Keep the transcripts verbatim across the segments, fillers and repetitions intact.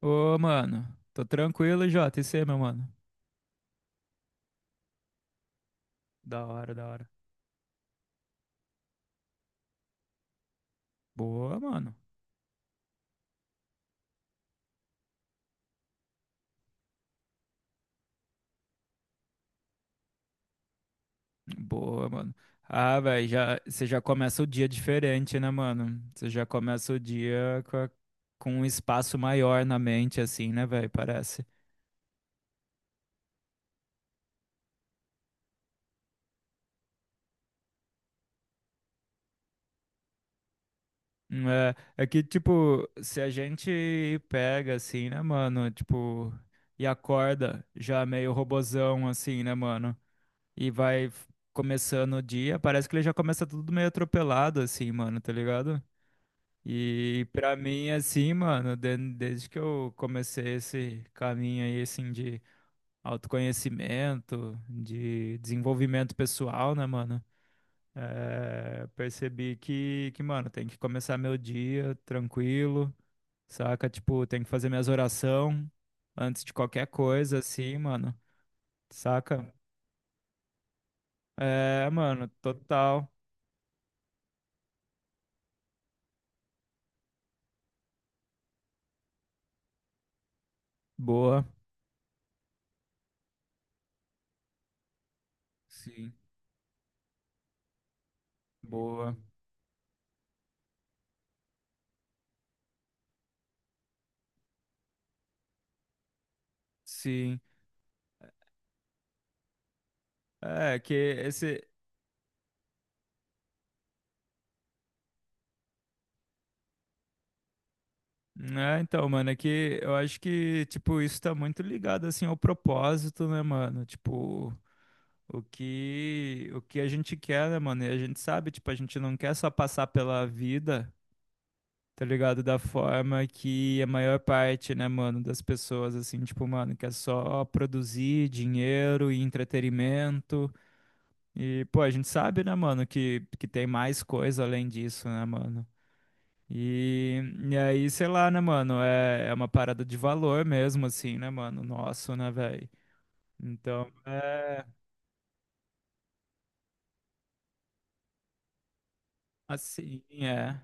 Ô, mano. Tô tranquilo, Jota. E você, meu mano? Da hora, da hora. Boa, mano. Boa, mano. Ah, velho, já, você já começa o dia diferente, né, mano? Você já começa o dia com, a- com um espaço maior na mente, assim, né, velho? Parece. Hum, É, é que, tipo, se a gente pega, assim, né, mano? Tipo, e acorda já meio robozão, assim, né, mano? E vai f- começando o dia, parece que ele já começa tudo meio atropelado, assim, mano, tá ligado? E pra mim, assim, mano, de- desde que eu comecei esse caminho aí, assim, de autoconhecimento, de desenvolvimento pessoal, né, mano? É, percebi que, que, mano, tem que começar meu dia tranquilo, saca? Tipo, tem que fazer minhas orações antes de qualquer coisa, assim, mano, saca? É, mano, total. Boa. Sim. Boa. Sim. É, que esse. É, então, mano, é que eu acho que, tipo, isso tá muito ligado, assim, ao propósito, né, mano? Tipo, o que, o que a gente quer, né, mano? E a gente sabe, tipo, a gente não quer só passar pela vida, tá ligado? Da forma que a maior parte, né, mano, das pessoas, assim, tipo, mano, quer só produzir dinheiro e entretenimento. E, pô, a gente sabe, né, mano, que, que tem mais coisa além disso, né, mano? E, e aí, sei lá, né, mano? É, é uma parada de valor mesmo, assim, né, mano? Nosso, né, velho? Então, é. Assim, é.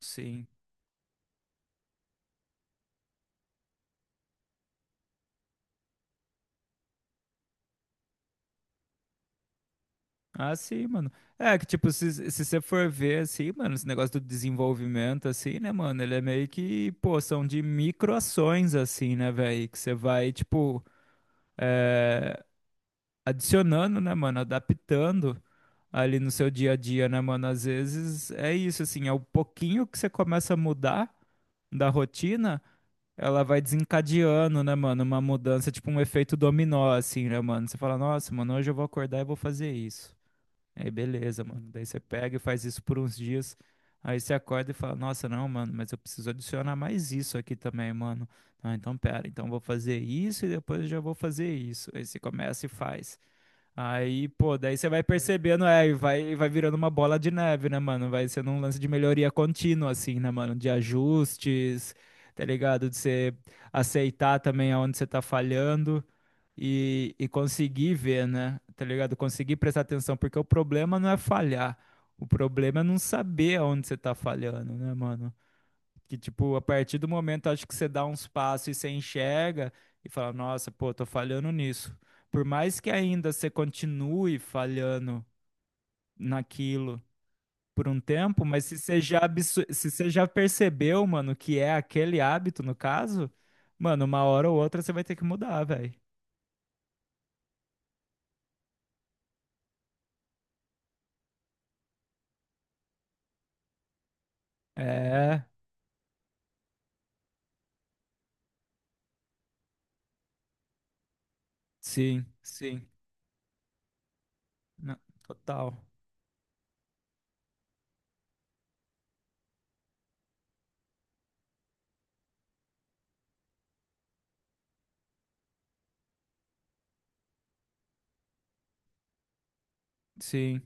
Sim. Ah, sim, mano. É que, tipo, se, se você for ver, assim, mano, esse negócio do desenvolvimento, assim, né, mano? Ele é meio que, pô, são de microações, assim, né, velho? Que você vai, tipo. é, adicionando, né, mano, adaptando ali no seu dia a dia, né, mano? Às vezes é isso, assim, é o pouquinho que você começa a mudar da rotina, ela vai desencadeando, né, mano, uma mudança, tipo um efeito dominó, assim, né, mano? Você fala, nossa, mano, hoje eu vou acordar e vou fazer isso. Aí, beleza, mano. Daí você pega e faz isso por uns dias. Aí você acorda e fala, nossa, não, mano, mas eu preciso adicionar mais isso aqui também, mano. Ah, então pera, então eu vou fazer isso e depois eu já vou fazer isso. Aí você começa e faz. Aí, pô, daí você vai percebendo, é, e vai, e vai virando uma bola de neve, né, mano? Vai sendo um lance de melhoria contínua, assim, né, mano? De ajustes, tá ligado? De você aceitar também aonde você tá falhando e, e conseguir ver, né? Tá ligado? Conseguir prestar atenção, porque o problema não é falhar. O problema é não saber aonde você tá falhando, né, mano? Que, tipo, a partir do momento, acho que você dá uns passos e você enxerga e fala, nossa, pô, tô falhando nisso. Por mais que ainda você continue falhando naquilo por um tempo, mas se você já, absu- se você já percebeu, mano, que é aquele hábito, no caso, mano, uma hora ou outra você vai ter que mudar, velho. É, sim, sim. Não, total. Sim,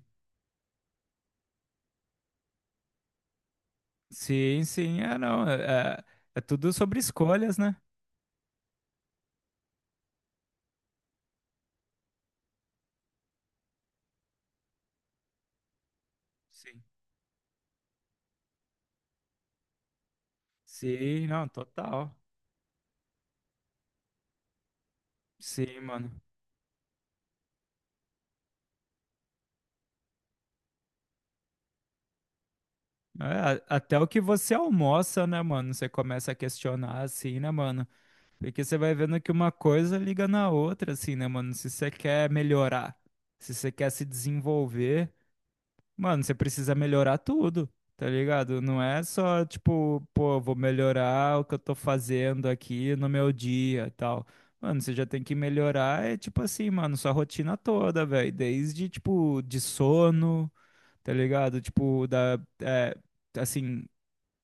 sim, sim. É, não, é, é é tudo sobre escolhas, né? Sim. Sim, não, total. Sim, mano. É, a- até o que você almoça, né, mano? Você começa a questionar assim, né, mano? Porque você vai vendo que uma coisa liga na outra, assim, né, mano? Se você quer melhorar, se você quer se desenvolver, mano, você precisa melhorar tudo, tá ligado? Não é só, tipo, pô, vou melhorar o que eu tô fazendo aqui no meu dia e tal. Mano, você já tem que melhorar, é tipo assim, mano, sua rotina toda, velho. Desde, tipo, de sono. Tá ligado? Tipo, da, é, assim,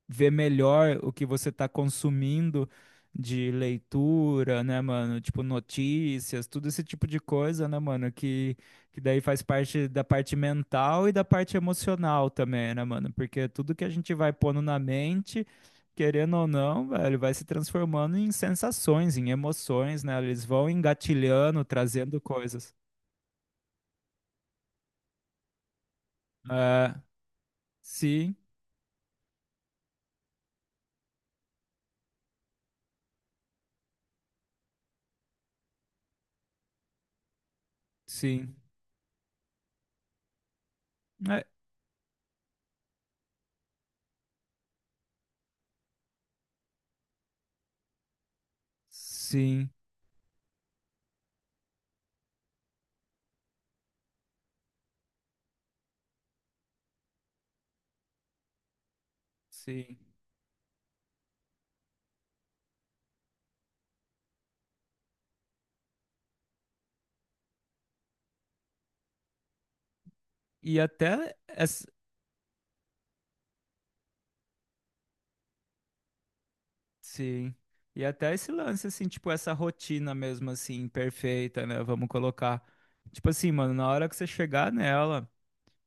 ver melhor o que você tá consumindo de leitura, né, mano? Tipo, notícias, tudo esse tipo de coisa, né, mano? Que, que daí faz parte da parte mental e da parte emocional também, né, mano? Porque tudo que a gente vai pondo na mente. Querendo ou não, velho, vai se transformando em sensações, em emoções, né? Eles vão engatilhando, trazendo coisas. É, sim, sim. É, sim. Sim. E até essa, sim. E até esse lance assim, tipo essa rotina mesmo assim, perfeita, né? Vamos colocar. Tipo assim, mano, na hora que você chegar nela,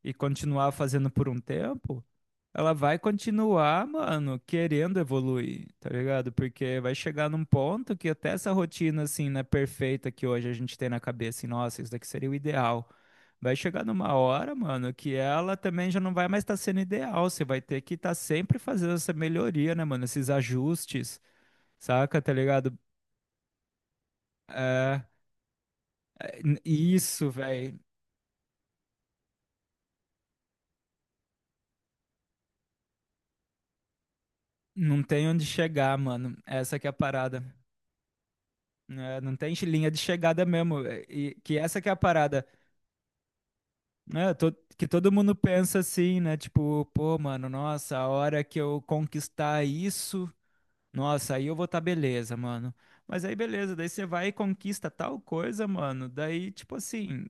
e continuar fazendo por um tempo, ela vai continuar, mano, querendo evoluir, tá ligado? Porque vai chegar num ponto que até essa rotina, assim, né, perfeita que hoje a gente tem na cabeça, assim, nossa, isso daqui seria o ideal. Vai chegar numa hora, mano, que ela também já não vai mais estar sendo ideal. Você vai ter que estar sempre fazendo essa melhoria, né, mano? Esses ajustes, saca? Tá ligado? É, é, n- isso, velho. Não tem onde chegar, mano. Essa que é a parada. Né, não tem linha de chegada mesmo. é, E que essa que é a parada, né? To- que todo mundo pensa assim, né? Tipo, pô, mano, nossa, a hora que eu conquistar isso, nossa, aí eu vou tá beleza, mano. Mas aí beleza, daí você vai e conquista tal coisa, mano. Daí, tipo assim,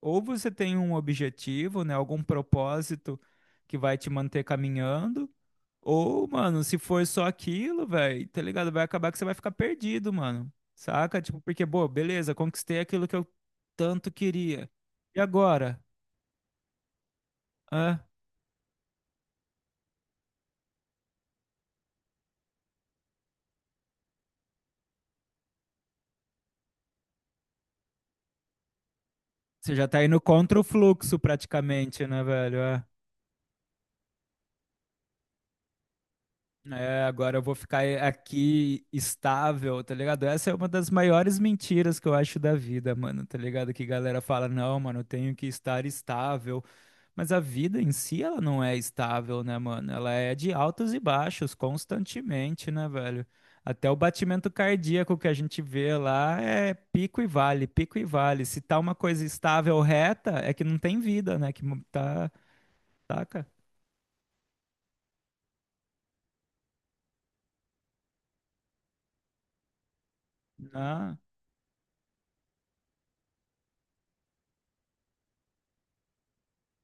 ou você tem um objetivo, né? Algum propósito que vai te manter caminhando, ou, mano, se for só aquilo, velho, tá ligado? Vai acabar que você vai ficar perdido, mano. Saca? Tipo, porque, pô, beleza, conquistei aquilo que eu tanto queria. E agora? Hã? Você já tá indo contra o fluxo praticamente, né, velho? É. É, agora eu vou ficar aqui estável, tá ligado? Essa é uma das maiores mentiras que eu acho da vida, mano, tá ligado? Que galera fala, não, mano, eu tenho que estar estável. Mas a vida em si, ela não é estável, né, mano? Ela é de altos e baixos, constantemente, né, velho? Até o batimento cardíaco que a gente vê lá é pico e vale, pico e vale. Se tá uma coisa estável, reta, é que não tem vida, né? Que mo- tá, taca. Ah,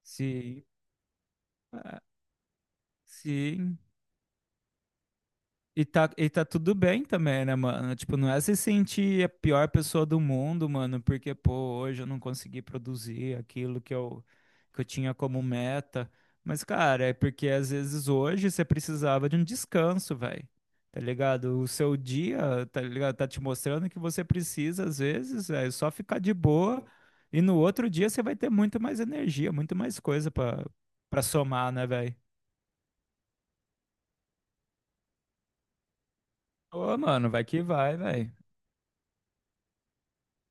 sim, sim. E tá, e tá tudo bem também, né, mano? Tipo, não é se sentir a pior pessoa do mundo, mano, porque, pô, hoje eu não consegui produzir aquilo que eu, que eu tinha como meta. Mas, cara, é porque às vezes hoje você precisava de um descanso, velho. Tá ligado? O seu dia, tá ligado? Tá te mostrando que você precisa, às vezes, é só ficar de boa. E no outro dia você vai ter muito mais energia, muito mais coisa pra, pra somar, né, velho? Ô, mano, vai que vai, velho.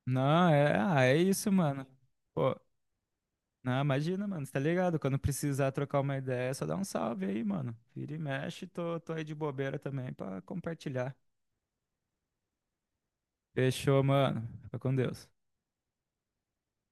Não, é, ah, é isso, mano. Pô, não, imagina, mano, você tá ligado? Quando precisar trocar uma ideia, é só dá um salve aí, mano. Vira e mexe, tô, tô aí de bobeira também pra compartilhar. Fechou, mano. Fica com Deus.